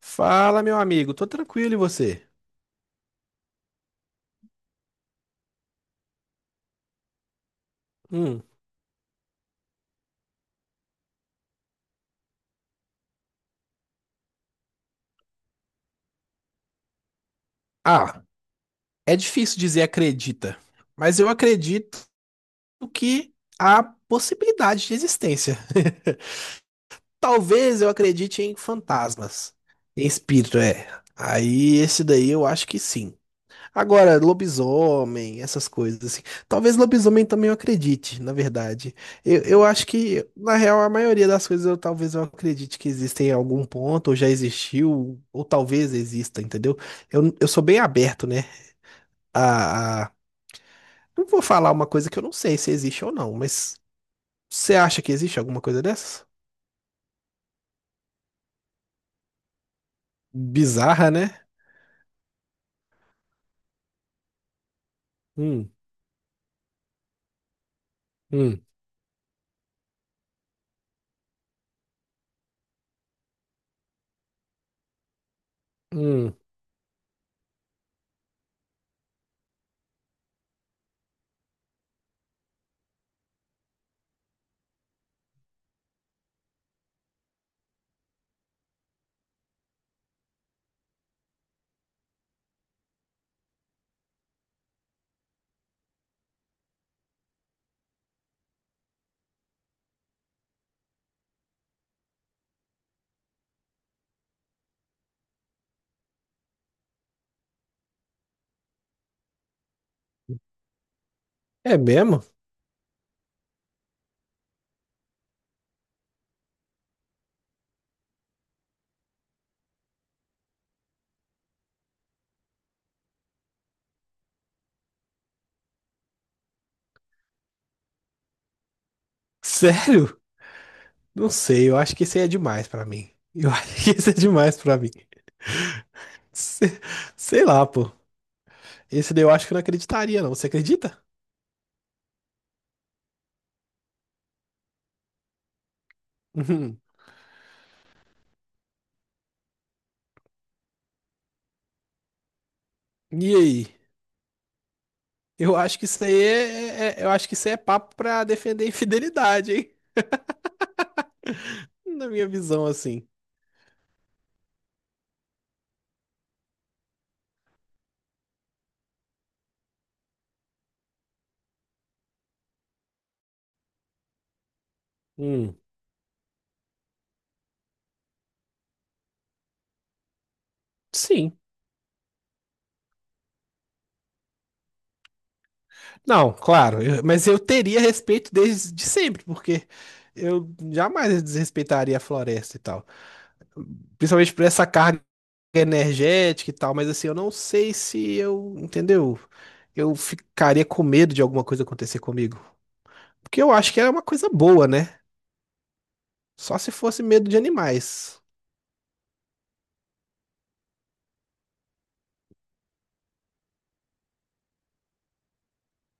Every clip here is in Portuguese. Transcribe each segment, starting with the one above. Fala, meu amigo, tô tranquilo e você? Hum. Ah, é difícil dizer acredita, mas eu acredito que há possibilidade de existência. Talvez eu acredite em fantasmas, em espírito, é. Aí esse daí eu acho que sim. Agora, lobisomem, essas coisas assim. Talvez lobisomem também eu acredite, na verdade. Eu acho que, na real, a maioria das coisas eu talvez eu acredite que existem em algum ponto, ou já existiu, ou talvez exista, entendeu? Eu sou bem aberto, né? A, a... Não vou falar uma coisa que eu não sei se existe ou não, mas você acha que existe alguma coisa dessas? Bizarra, né? Hum, hum, hum. É mesmo? Sério? Não sei, eu acho que isso aí é demais pra mim. Eu acho que isso é demais pra mim. Se- Sei lá, pô. Esse daí eu acho que eu não acreditaria, não. Você acredita? Uhum. E aí? Eu acho que isso aí é, eu acho que isso aí é papo pra defender a infidelidade, hein? Na minha visão, assim. Hum. Sim. Não, claro. Mas eu teria respeito desde de sempre, porque eu jamais desrespeitaria a floresta e tal. Principalmente por essa carga energética e tal. Mas assim, eu não sei se eu, entendeu? Eu ficaria com medo de alguma coisa acontecer comigo. Porque eu acho que era uma coisa boa, né? Só se fosse medo de animais.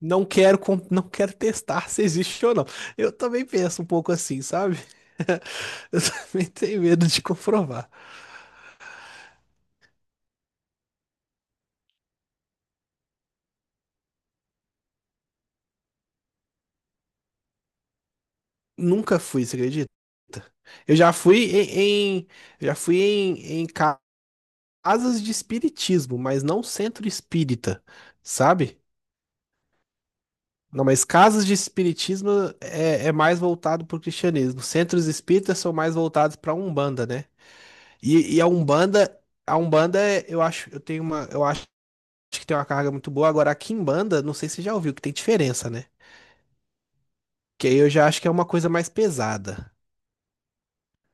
Não quero, não quero testar se existe ou não. Eu também penso um pouco assim, sabe? Eu também tenho medo de comprovar. Nunca fui, você acredita? Eu já fui já fui casas de espiritismo, mas não centro espírita, sabe? Não, mas casas de espiritismo é mais voltado para o cristianismo. Centros espíritas são mais voltados para a Umbanda, né? E a Umbanda, eu acho, eu tenho uma, eu acho que tem uma carga muito boa. Agora, a Quimbanda, não sei se você já ouviu, que tem diferença, né? Que aí eu já acho que é uma coisa mais pesada.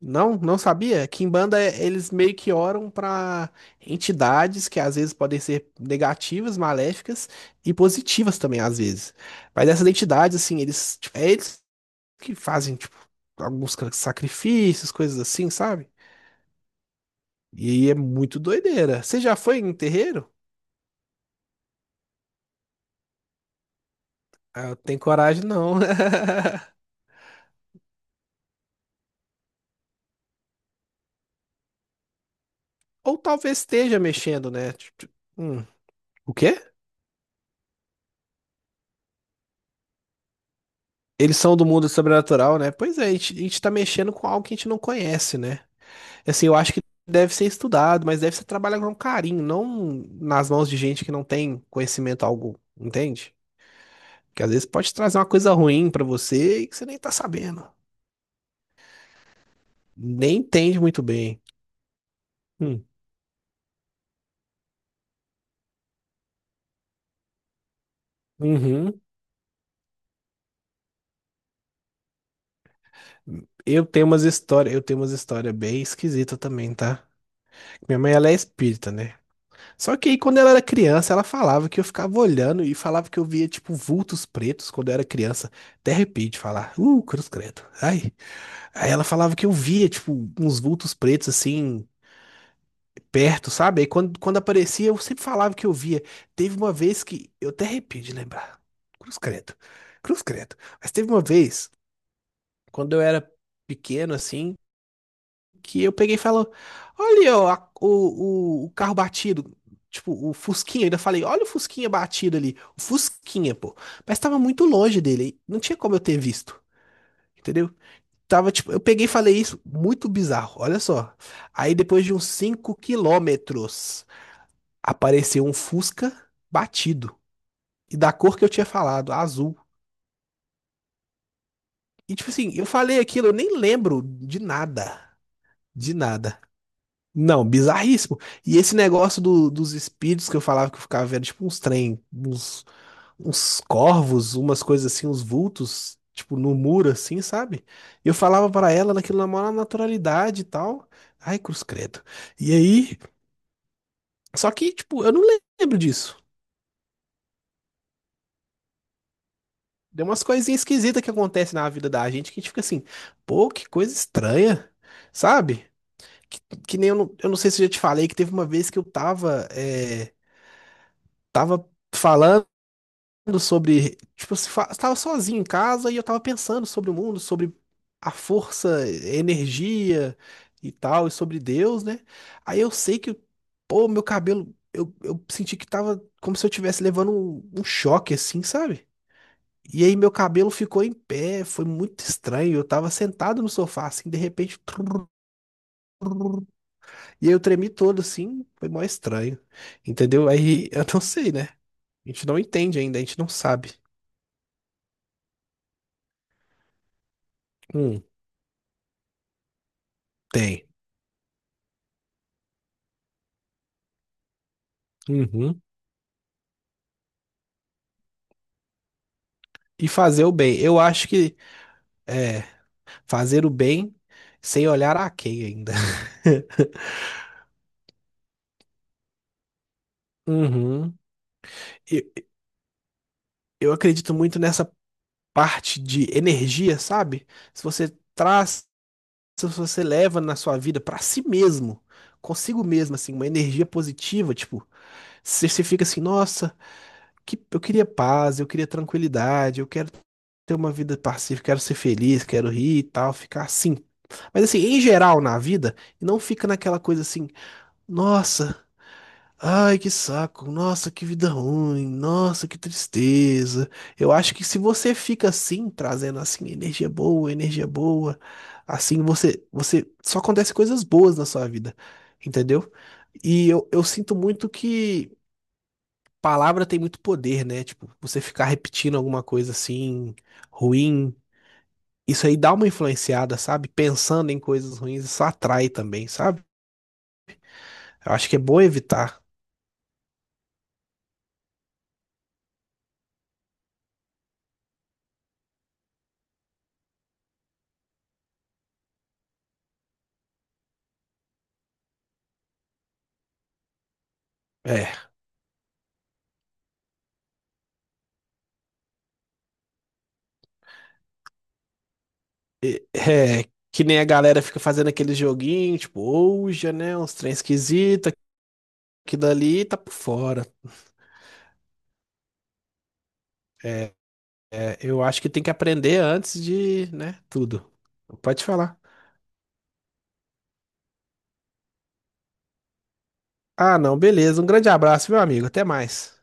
Não, não sabia? Quimbanda, eles meio que oram pra entidades que às vezes podem ser negativas, maléficas e positivas também, às vezes. Mas essas entidades, assim, eles, tipo, é eles que fazem, tipo, alguns sacrifícios, coisas assim, sabe? E aí é muito doideira. Você já foi em terreiro? Ah, eu tenho coragem, não. Ou talvez esteja mexendo, né? Tipo, hum, o quê? Eles são do mundo sobrenatural, né? Pois é, a gente tá mexendo com algo que a gente não conhece, né? Assim, eu acho que deve ser estudado, mas deve ser trabalhado com carinho, não nas mãos de gente que não tem conhecimento algum, entende? Porque às vezes pode trazer uma coisa ruim pra você e que você nem tá sabendo. Nem entende muito bem. Hum. Uhum. Eu tenho umas histórias bem esquisitas também, tá? Minha mãe, ela é espírita, né? Só que aí, quando ela era criança, ela falava que eu ficava olhando e falava que eu via, tipo, vultos pretos quando eu era criança. Até arrepio de falar. Cruz credo. Ai. Aí ela falava que eu via, tipo, uns vultos pretos, assim, perto, sabe? Aí quando aparecia, eu sempre falava que eu via. Teve uma vez que... Eu até arrepio de lembrar. Cruz credo. Cruz credo. Mas teve uma vez, quando eu era pequeno, assim, que eu peguei e falou: olha, ó, o carro batido. Tipo, o Fusquinha, eu ainda falei, olha o Fusquinha batido ali. O Fusquinha, pô. Mas tava muito longe dele. Não tinha como eu ter visto. Entendeu? Tava, tipo, eu peguei e falei isso. Muito bizarro, olha só. Aí depois de uns 5 km, apareceu um Fusca batido. E da cor que eu tinha falado, azul. E tipo assim, eu falei aquilo, eu nem lembro de nada. De nada. Não, bizarríssimo. E esse negócio dos espíritos que eu falava que eu ficava vendo, tipo uns trem, uns corvos, umas coisas assim, uns vultos, tipo no muro assim, sabe? E eu falava pra ela naquilo na maior naturalidade e tal. Ai, cruz credo. E aí, só que, tipo, eu não lembro disso. Tem umas coisinhas esquisitas que acontecem na vida da gente que a gente fica assim, pô, que coisa estranha, sabe? Que, que nem eu não, eu não sei se eu já te falei que teve uma vez que eu tava, tava falando sobre, tipo, se fa- estava sozinho em casa e eu estava pensando sobre o mundo, sobre a força, energia e tal, e sobre Deus, né? Aí eu sei que, pô, meu cabelo, eu senti que tava como se eu estivesse levando um choque, assim, sabe? E aí meu cabelo ficou em pé, foi muito estranho. Eu tava sentado no sofá, assim, de repente, trrr, e aí eu tremi todo, assim, foi mó estranho, entendeu? Aí eu não sei, né? A gente não entende ainda, a gente não sabe. Hum, tem. Uhum. E fazer o bem. Eu acho que é fazer o bem sem olhar a quem ainda. Uhum. E- Eu acredito muito nessa parte de energia, sabe? Se você traz, se você leva na sua vida pra si mesmo, consigo mesmo, assim, uma energia positiva, tipo, se você fica assim, nossa, que, eu queria paz, eu queria tranquilidade, eu quero ter uma vida pacífica, quero ser feliz, quero rir e tal, ficar assim. Mas assim, em geral na vida, não fica naquela coisa assim. Nossa, ai que saco, nossa que vida ruim, nossa que tristeza. Eu acho que se você fica assim, trazendo assim energia boa, assim você só acontece coisas boas na sua vida, entendeu? E eu sinto muito que palavra tem muito poder, né? Tipo, você ficar repetindo alguma coisa assim, ruim, isso aí dá uma influenciada, sabe? Pensando em coisas ruins, isso atrai também, sabe? Eu acho que é bom evitar. É. E- é, que nem a galera fica fazendo aquele joguinho, tipo, Ouija, né? Uns trem esquisito, aquilo ali tá por fora. É, é, eu acho que tem que aprender antes de, né, tudo. Pode falar. Ah, não, beleza. Um grande abraço, meu amigo. Até mais.